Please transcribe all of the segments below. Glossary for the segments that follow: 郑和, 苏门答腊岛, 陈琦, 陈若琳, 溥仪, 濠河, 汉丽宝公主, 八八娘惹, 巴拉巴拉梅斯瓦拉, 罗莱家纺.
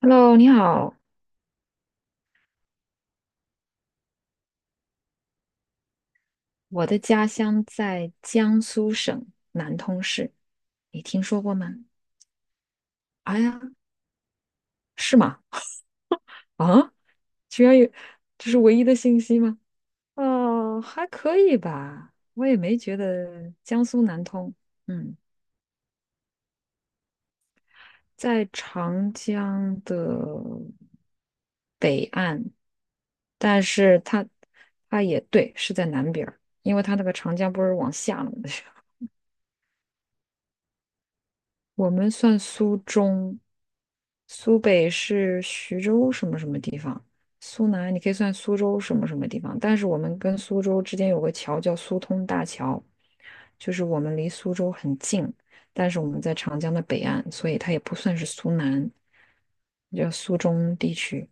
Hello，你好，我的家乡在江苏省南通市，你听说过吗？哎呀，是吗？啊，居然有，这是唯一的信息吗？哦，还可以吧，我也没觉得江苏南通，嗯，在长江的北岸，但是它也对，是在南边儿，因为它那个长江不是往下了吗？我们算苏中，苏北是徐州什么什么地方，苏南你可以算苏州什么什么地方，但是我们跟苏州之间有个桥叫苏通大桥，就是我们离苏州很近，但是我们在长江的北岸，所以它也不算是苏南，叫苏中地区。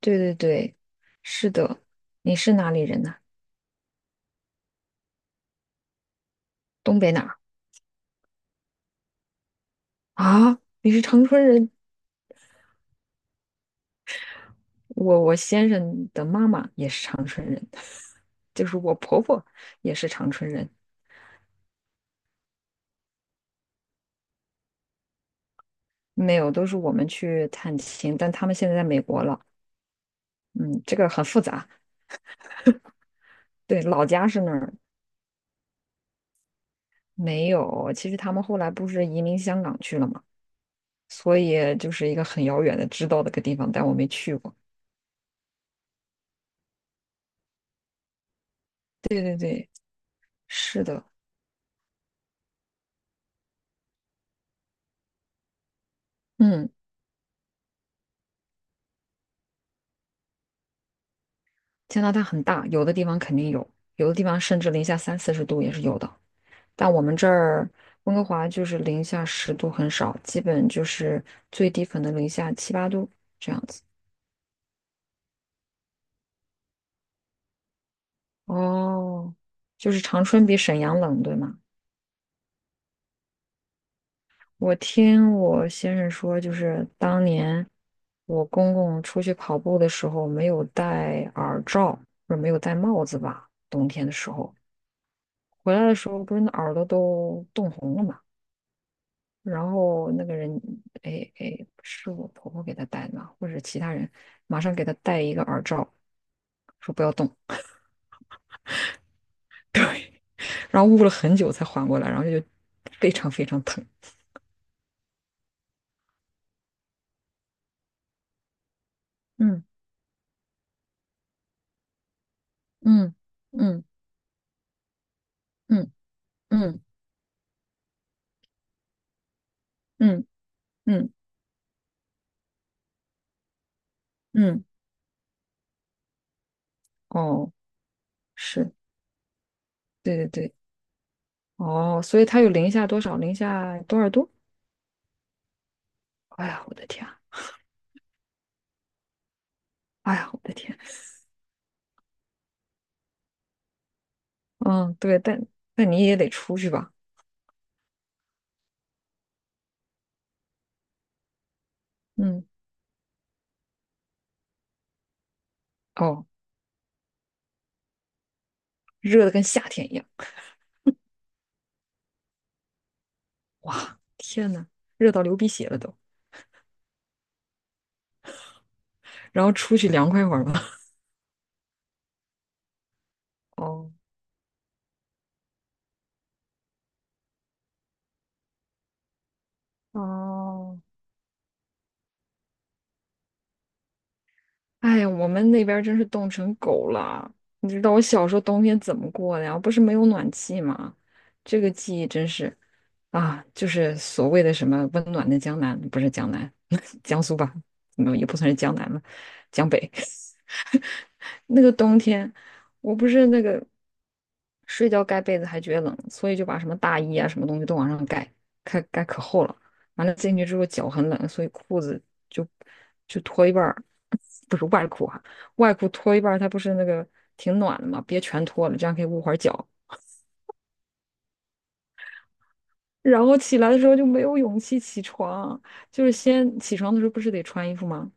对对对，是的。你是哪里人呢、东北哪儿啊？你是长春人？我先生的妈妈也是长春人。就是我婆婆也是长春人，没有，都是我们去探亲，但他们现在在美国了。嗯，这个很复杂。对，老家是那儿，没有。其实他们后来不是移民香港去了嘛，所以就是一个很遥远的知道的个地方，但我没去过。对对对，是的，嗯，加拿大很大，有的地方肯定有，有的地方甚至零下三四十度也是有的。但我们这儿温哥华就是零下10度很少，基本就是最低可能零下七八度。这样。哦，就是长春比沈阳冷，对吗？我听我先生说，就是当年我公公出去跑步的时候没有戴耳罩，不是没有戴帽子吧，冬天的时候回来的时候，不是那耳朵都冻红了嘛。然后那个人，哎哎，是我婆婆给他戴的吗？或者其他人马上给他戴一个耳罩，说不要动，然后捂了很久才缓过来，然后就非常非常疼。嗯嗯嗯。嗯嗯嗯嗯嗯，哦，是，对对对，哦，所以它有零下多少？零下多少度？哎呀，我的天啊哎呀，我的天！嗯，对，但但你也得出去吧？嗯，哦，热的跟夏天一样，哇，天呐，热到流鼻血了都，然后出去凉快会儿吧。哦哦，哎呀，我们那边儿真是冻成狗了。你知道我小时候冬天怎么过的呀？不是没有暖气吗？这个记忆真是。啊，就是所谓的什么温暖的江南，不是江南，江苏吧？嗯，也不算是江南了，江北。那个冬天，我不是那个睡觉盖被子还觉得冷，所以就把什么大衣啊什么东西都往上盖，盖盖可厚了。完了进去之后脚很冷，所以裤子就就脱一半儿，不是外裤啊，外裤脱一半儿，它不是那个挺暖的嘛，别全脱了，这样可以捂会儿脚。然后起来的时候就没有勇气起床，就是先起床的时候不是得穿衣服吗？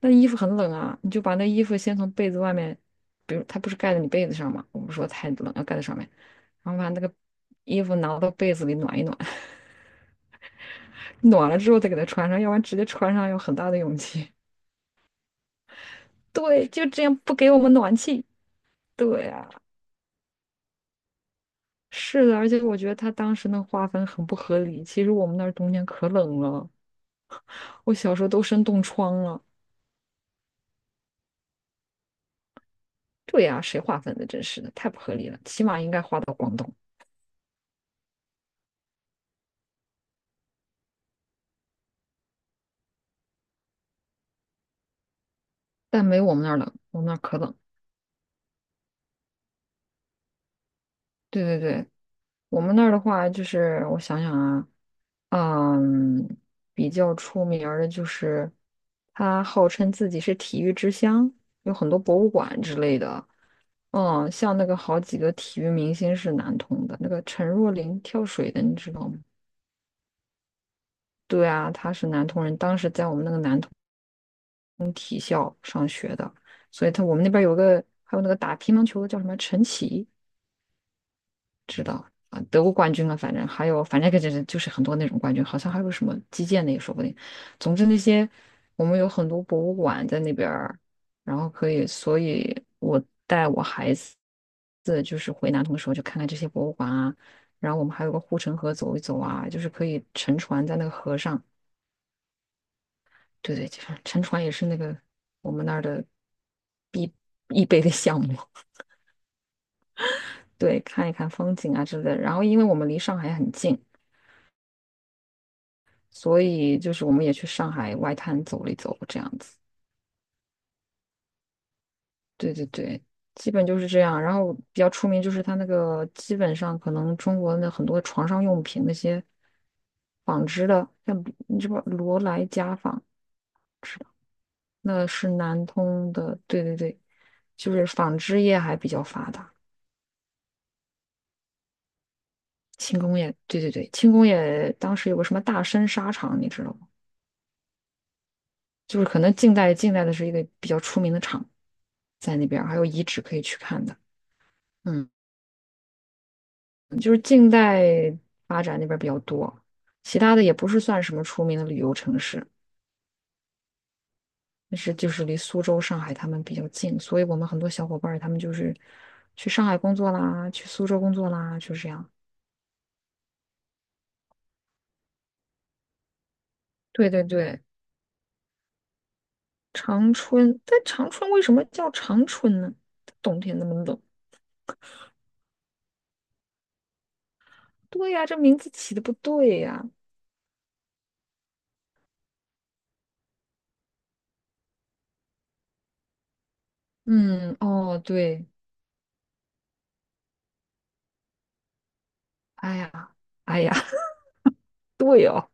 那衣服很冷啊，你就把那衣服先从被子外面，比如它不是盖在你被子上嘛，我们说太冷要盖在上面，然后把那个衣服拿到被子里暖一暖，暖了之后再给它穿上，要不然直接穿上有很大的勇气。对，就这样不给我们暖气。对啊，是的，而且我觉得他当时那个划分很不合理，其实我们那儿冬天可冷了，我小时候都生冻疮了。对呀、谁划分的？真是的，太不合理了。起码应该划到广东，但没我们那儿冷，我们那儿可冷。对对对，我们那儿的话，就是我想想啊，嗯，比较出名儿的就是他号称自己是体育之乡，有很多博物馆之类的。嗯，像那个好几个体育明星是南通的，那个陈若琳跳水的，你知道吗？对啊，她是南通人，当时在我们那个南通从体校上学的，所以他我们那边有个还有那个打乒乓球的叫什么陈琦，知道啊，得过冠军啊，反正还有反正就是很多那种冠军，好像还有什么击剑的也说不定。总之那些我们有很多博物馆在那边儿，然后可以，所以我带我孩子就是回南通的时候就看看这些博物馆啊，然后我们还有个护城河走一走啊，就是可以乘船在那个河上。对对，就是沉船也是那个我们那儿的必必备的项目。对，看一看风景啊之类的。然后，因为我们离上海很近，所以就是我们也去上海外滩走了一走，这样子。对对对，基本就是这样。然后比较出名就是它那个，基本上可能中国的很多床上用品那些纺织的，像你知不知道罗莱家纺，那是南通的。对对对，就是纺织业还比较发达。轻工业，对对对，轻工业当时有个什么大深沙场，你知道吗？就是可能近代的是一个比较出名的厂，在那边儿还有遗址可以去看的。嗯，就是近代发展那边儿比较多，其他的也不是算什么出名的旅游城市，但是就是离苏州、上海他们比较近，所以我们很多小伙伴儿他们就是去上海工作啦，去苏州工作啦，就是这样。对对对，长春，但长春为什么叫长春呢？冬天那么冷。对呀，这名字起的不对呀。嗯，哦，对，哎呀，哎呀，对哦，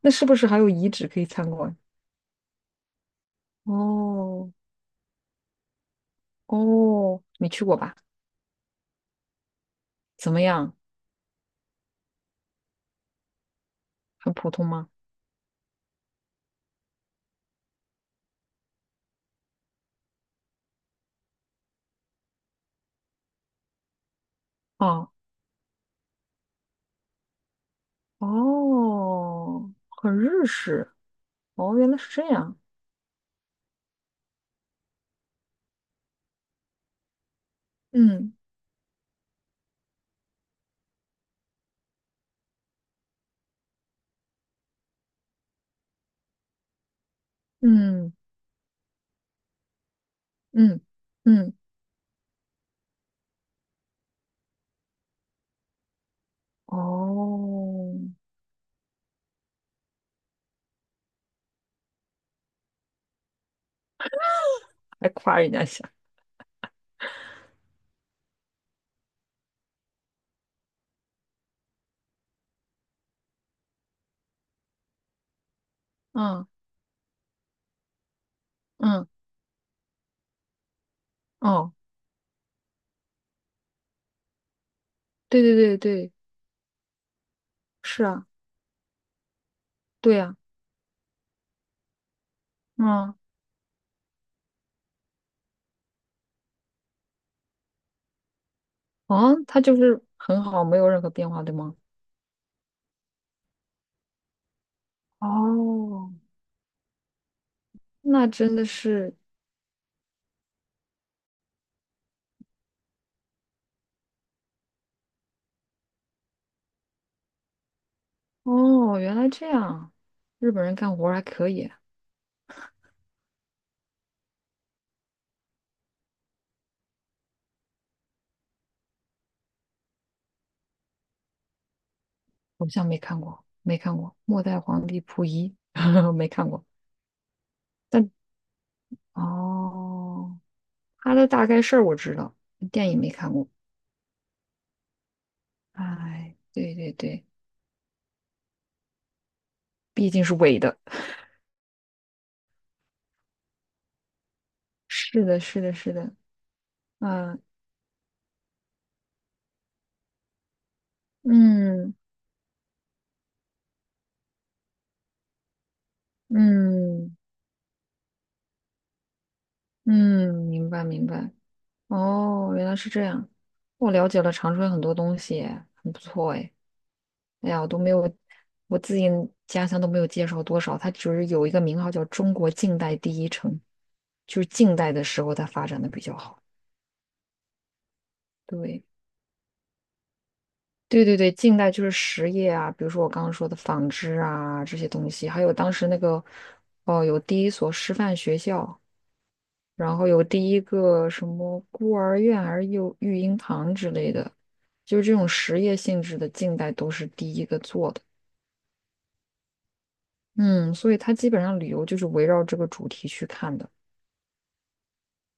那是不是还有遗址可以参观？哦，哦，没去过吧？怎么样？很普通吗？哦，哦，很日式。哦，原来是这样。嗯嗯嗯嗯，哦，还夸人家一下。嗯嗯，哦，对对对对，是啊，对呀、嗯啊，他就是很好，没有任何变化，对吗？哦，那真的是，哦，原来这样，日本人干活儿还可以，好像没看过，没看过《末代皇帝溥仪》没看过，但哦，他的大概事儿我知道，电影没看过。哎，对对对，毕竟是伪的。是的，是的，是的，啊，嗯嗯嗯，明白明白。哦，原来是这样，我了解了长春很多东西耶很不错哎。哎呀，我都没有，我自己家乡都没有介绍多少，它只是有一个名号叫中国近代第一城，就是近代的时候它发展的比较好。对，对对对，近代就是实业啊，比如说我刚刚说的纺织啊这些东西，还有当时那个哦，有第一所师范学校，然后有第一个什么孤儿院还是幼育婴堂之类的，就是这种实业性质的，近代都是第一个做的。嗯，所以它基本上旅游就是围绕这个主题去看的，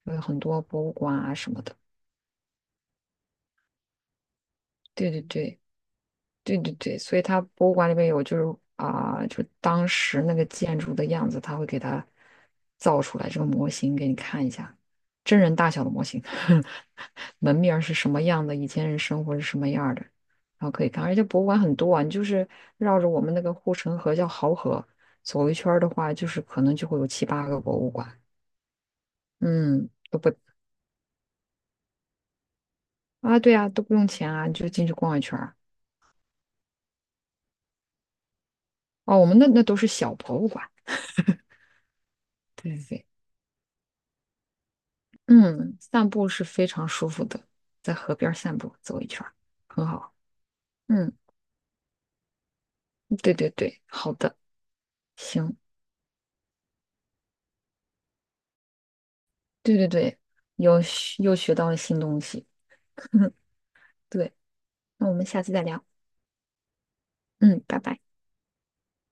有很多博物馆啊什么的。对对对。对对对，所以它博物馆里面有，就是啊、就当时那个建筑的样子，它会给它造出来这个模型给你看一下，真人大小的模型，门面儿是什么样的，以前人生活是什么样儿的，然后可以看。而且博物馆很多啊，你就是绕着我们那个护城河叫濠河走一圈儿的话，就是可能就会有七八个博物馆，嗯，都不啊，对啊，都不用钱啊，你就进去逛一圈儿啊。哦，我们那那都是小博物馆，对对对。嗯，散步是非常舒服的，在河边儿散步走一圈儿很好。嗯，对对对，好的，行，对对对，又学到了新东西。对，那我们下次再聊。嗯，拜拜。